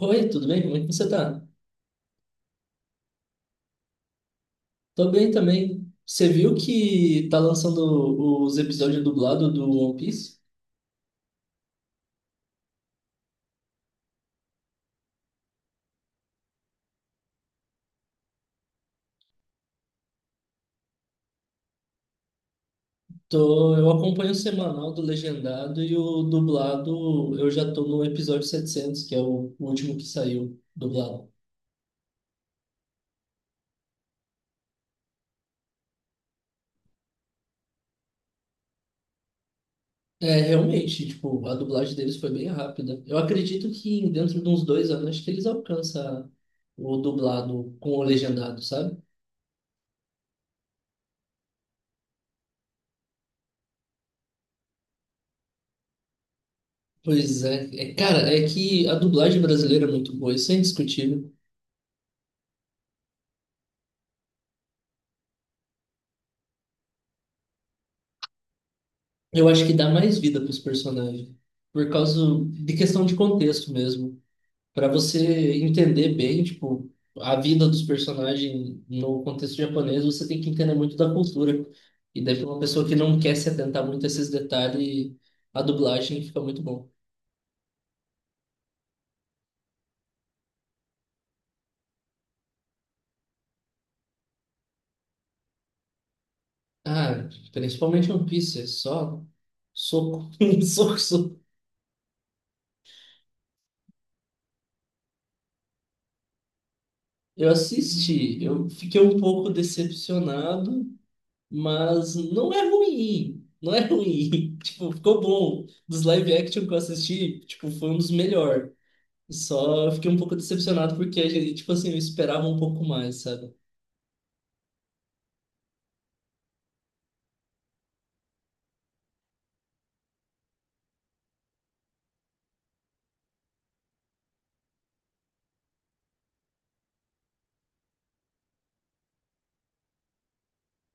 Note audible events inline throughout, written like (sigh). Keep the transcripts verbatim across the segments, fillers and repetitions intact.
Oi, tudo bem? Como é que você tá? Tô bem também. Você viu que tá lançando os episódios dublados do One Piece? Tô, eu acompanho o semanal do legendado e o dublado, eu já tô no episódio setecentos, que é o último que saiu dublado. É, realmente, tipo, a dublagem deles foi bem rápida. Eu acredito que em- dentro de uns dois anos, acho que eles alcançam o dublado com o legendado, sabe? Pois é. É, cara, é que a dublagem brasileira é muito boa, isso é indiscutível. Eu acho que dá mais vida para os personagens, por causa de questão de contexto mesmo, para você entender bem, tipo, a vida dos personagens no contexto japonês, você tem que entender muito da cultura. E daí para uma pessoa que não quer se atentar muito a esses detalhes, a dublagem fica muito bom. Ah, principalmente One Piece, é só soco, (laughs) soco, soco. Eu assisti, eu fiquei um pouco decepcionado, mas não é ruim. Não é ruim. (laughs) Tipo, ficou bom. Dos live action que eu assisti, tipo, foi um dos melhores. Só fiquei um pouco decepcionado porque, a gente- tipo assim, eu esperava um pouco mais, sabe?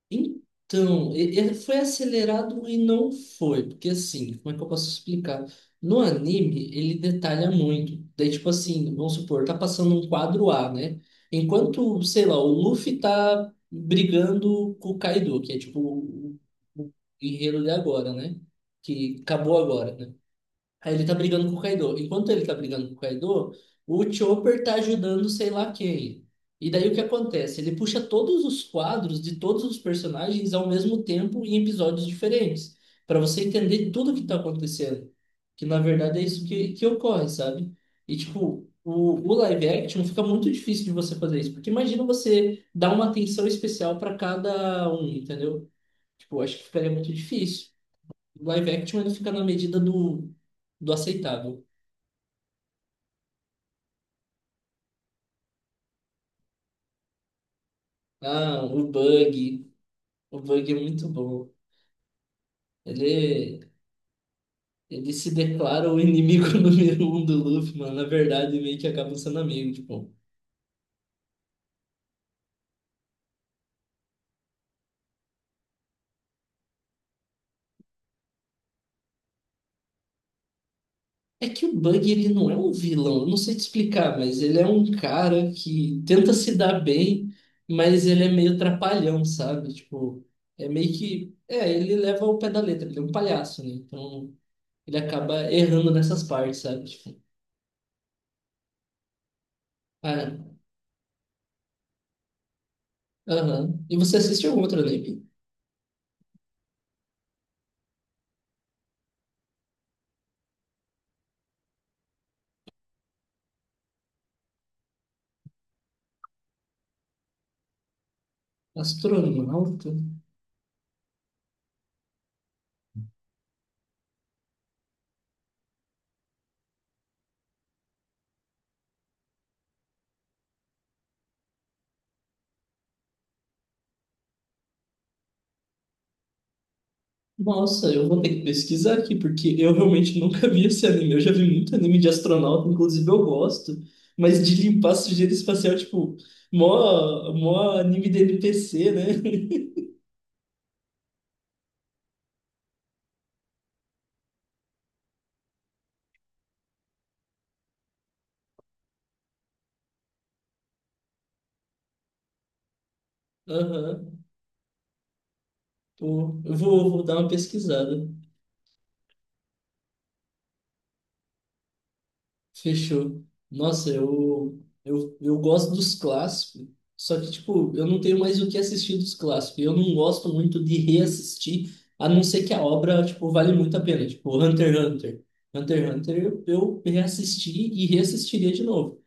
Então, e- ele foi acelerado e não foi, porque assim, como é que eu posso explicar? No anime, ele detalha muito. Daí, tipo assim, vamos supor, tá passando um quadro A, né? Enquanto, sei lá, o Luffy tá brigando com o Kaido, que é tipo o o guerreiro de agora, né? Que acabou agora, né? Aí ele tá brigando com o Kaido. Enquanto ele tá brigando com o Kaido, o Chopper tá ajudando sei lá quem. E daí o que acontece? Ele puxa todos os quadros de todos os personagens ao mesmo tempo em episódios diferentes, para você entender tudo o que tá acontecendo. Que na verdade é isso que, que ocorre, sabe? E tipo, o, o live action fica muito difícil de você fazer isso, porque imagina você dar uma atenção especial para cada um, entendeu? Tipo, eu acho que ficaria muito difícil. O live action ele fica na medida do, do aceitável. Ah, o Bug. O Bug é muito bom. Ele, ele se declara o inimigo (laughs) número um do Luffy, mano. Na verdade, meio que acaba sendo amigo, tipo. É que o Bug, ele não é um vilão. Eu não sei te explicar, mas ele é um cara que tenta se dar bem, mas ele é meio trapalhão, sabe? Tipo, é meio que... É, ele leva ao pé da letra. Ele é um palhaço, né? Então, ele acaba errando nessas partes, sabe? Tipo, ah, aham. E você assiste algum outro anime? Astronauta? Nossa, eu vou ter que pesquisar aqui, porque eu realmente nunca vi esse anime. Eu já vi muito anime de astronauta, inclusive eu gosto, mas de limpar sujeira espacial, tipo, mó, mó anime de N P C, né? (laughs) Aham. Pô, eu vou, vou dar uma pesquisada. Fechou. Nossa, eu, eu, eu gosto dos clássicos, só que, tipo, eu não tenho mais o que assistir dos clássicos. Eu não gosto muito de reassistir, a não ser que a obra, tipo, vale muito a pena. Tipo, Hunter x Hunter. Hunter x Hunter eu, eu reassisti e reassistiria de novo.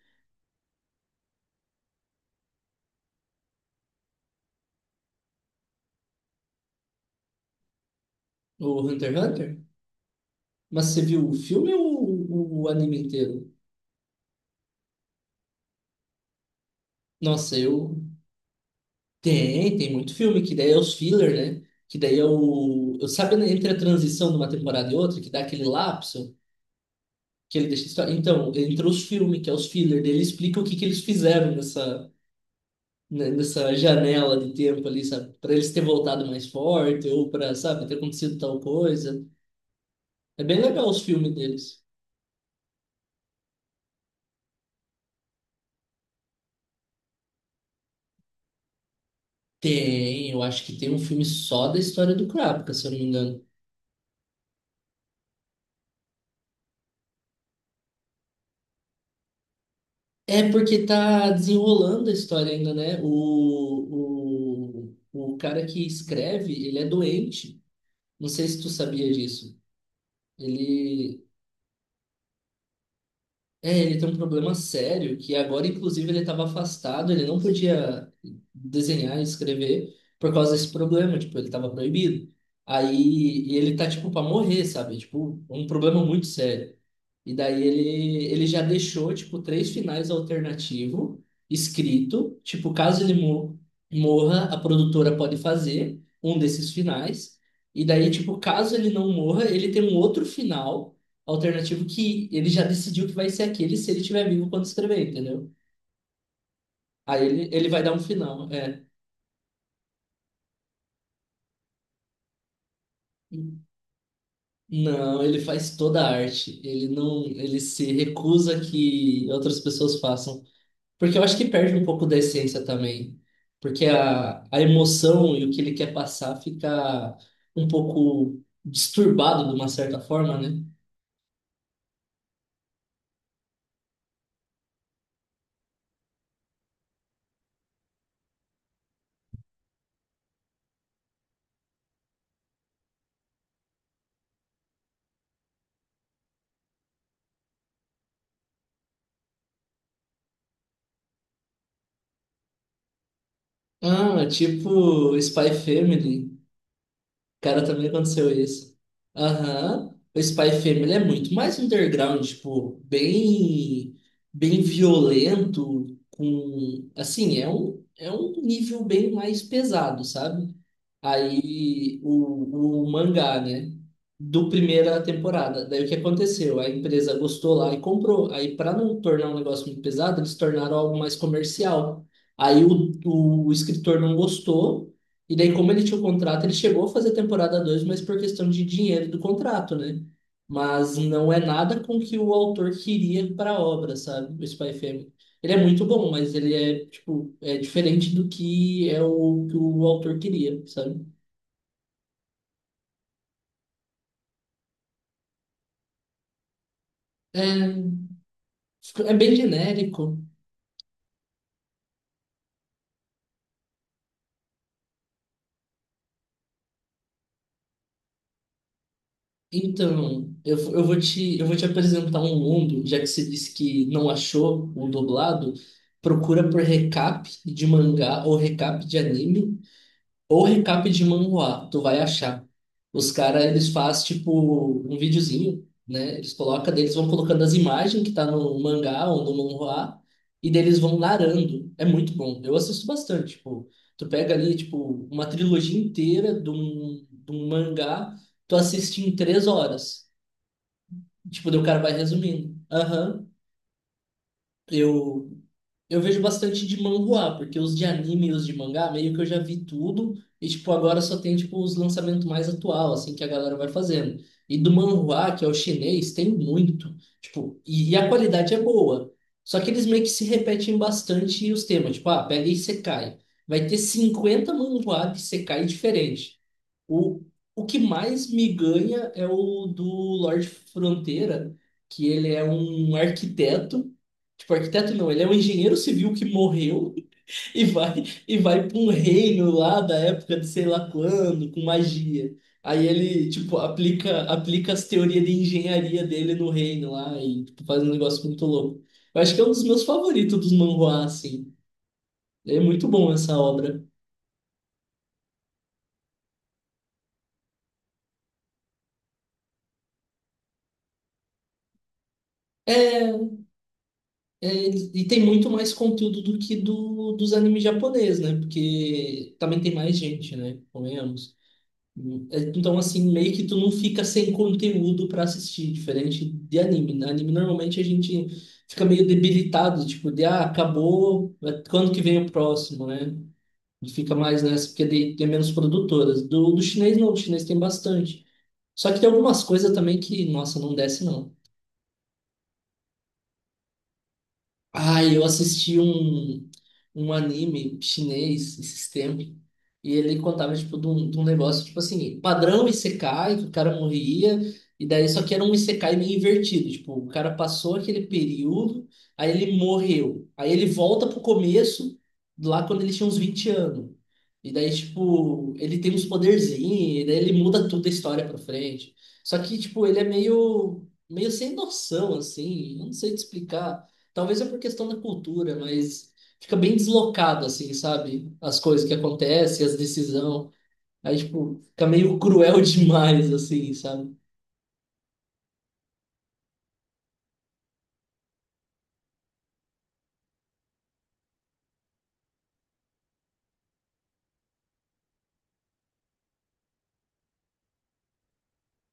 O Hunter x Hunter? Mas você viu o filme ou o, o anime inteiro? Nossa, eu... Tem, tem muito filme, que daí é os filler, né? Que daí é o... Eu, sabe, né, entre a transição de uma temporada e outra, que dá aquele lapso? Que ele deixa estra- Então, entre os filmes, que é os filler dele, explica o que que eles fizeram nessa, né, nessa janela de tempo ali, sabe? Pra eles ter voltado mais forte, ou pra, sabe, ter acontecido tal coisa. É bem legal os filmes deles. Tem, eu acho que tem um filme só da história do Krapka, se eu não me engano. É porque tá desenrolando a história ainda, né? O, o, o cara que escreve, ele é doente. Não sei se tu sabia disso. Ele, É, ele tem um problema sério que agora, inclusive, ele estava afastado, ele não podia desenhar e escrever por causa desse problema, tipo, ele estava proibido. Aí e ele tá, tipo, para morrer, sabe? Tipo, um problema muito sério. E daí ele, ele já deixou, tipo, três finais alternativos escrito, tipo, caso ele mo- morra, a produtora pode fazer um desses finais. E daí, tipo, caso ele não morra, ele tem um outro final alternativo que ele já decidiu que vai ser aquele se ele estiver vivo quando escrever, entendeu? Aí ele, ele vai dar um final, é. Não, ele faz toda a arte. Ele não, ele se recusa que outras pessoas façam. Porque eu acho que perde um pouco da essência também. Porque a, a emoção e o que ele quer passar fica um pouco disturbado de uma certa forma, né? Ah, tipo Spy Family. Cara, também aconteceu isso. Aham. O Spy Family é muito mais underground, tipo, bem, bem violento, com, assim, é um, é um nível bem mais pesado, sabe? Aí o, o mangá, né? Do primeira temporada. Daí o que aconteceu? A empresa gostou lá e comprou. Aí, para não tornar um negócio muito pesado, eles tornaram algo mais comercial. Aí o, o escritor não gostou. E daí, como ele tinha o contrato, ele chegou a fazer temporada dois, mas por questão de dinheiro do contrato, né? Mas não é nada com que o autor queria para a obra, sabe? O Spy Family. Ele é muito bom, mas ele é, tipo, é diferente do que é o que o autor queria, sabe? É, tipo, é bem genérico. Então, eu, eu vou te, eu vou te apresentar um mundo, já que você disse que não achou o dublado, procura por recap de mangá ou recap de anime, ou recap de manhwa, tu vai achar. Os caras, eles fazem, tipo, um videozinho, né? Eles colocam, daí eles vão colocando as imagens que tá no mangá ou no manhwa, e daí eles vão narrando. É muito bom. Eu assisto bastante, tipo, tu pega ali, tipo, uma trilogia inteira de um, de um mangá, tu assiste em três horas. Tipo, daí o cara vai resumindo. Aham, eu eu vejo bastante de manhwa, porque os de anime e os de mangá, meio que eu já vi tudo, e tipo, agora só tem tipo os lançamentos mais atual, assim, que a galera vai fazendo. E do manhwa, que é o chinês, tem muito. Tipo, e, e a qualidade é boa. Só que eles meio que se repetem bastante os temas, tipo, ah, pega e secai. Vai ter cinquenta manhwa de secai diferente. O, o que mais me ganha é o do Lorde Fronteira, que ele é um arquiteto. Tipo, arquiteto não, ele é um engenheiro civil que morreu e vai e vai para um reino lá da época de sei lá quando, com magia. Aí ele, tipo, aplica aplica as teorias de engenharia dele no reino lá e tipo, faz um negócio muito louco. Eu acho que é um dos meus favoritos dos manhwa, assim. É muito bom essa obra. É, é, e tem muito mais conteúdo do que do, dos animes japoneses, né? Porque também tem mais gente, né? Convenhamos. É, então, assim, meio que tu não fica sem conteúdo pra assistir, diferente de anime, né? Anime, normalmente, a gente fica meio debilitado, tipo, de, ah, acabou, é, quando que vem o próximo, né? E fica mais nessa, porque de- tem menos produtoras. Do, do chinês, não, do chinês tem bastante. Só que tem algumas coisas também que, nossa, não desce, não. Ai, eu assisti um, um anime chinês esses tempos, e ele contava, tipo, de um, de um negócio, tipo assim, padrão Isekai, que o cara morria, e daí só que era um Isekai meio invertido, tipo, o cara passou aquele período, aí ele morreu, aí ele volta pro começo, lá quando ele tinha uns vinte anos, e daí, tipo, ele tem uns poderzinhos, e daí ele muda tudo a história pra frente, só que, tipo, ele é meio, meio sem noção, assim, eu não sei te explicar. Talvez é por questão da cultura, mas fica bem deslocado, assim, sabe? As coisas que acontecem, as decisões. Aí, tipo, fica meio cruel (laughs) demais, assim, sabe?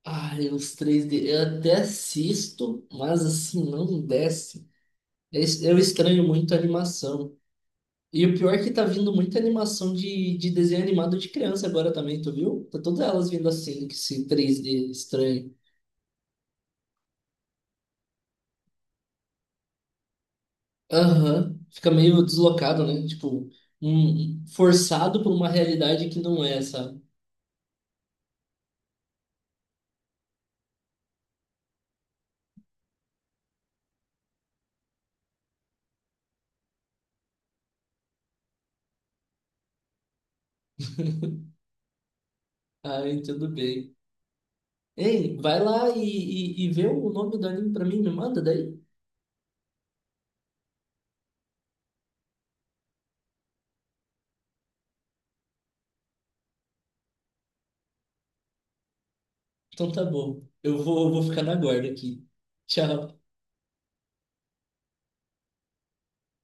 Ai, os três d eu até assisto, mas assim, não desce. É Es- Eu estranho muito a animação. E o pior é que tá vindo muita animação de, de desenho animado de criança agora também, tu viu? Tá todas elas vindo assim, que esse três d estranho. Aham, fica meio deslocado, né? Tipo, um, forçado por uma realidade que não é, sabe? Ah, eu entendo bem. Ei, vai lá e, e, e vê o nome do anime pra mim, me manda daí. Então tá bom. Eu vou, vou ficar na guarda aqui. Tchau.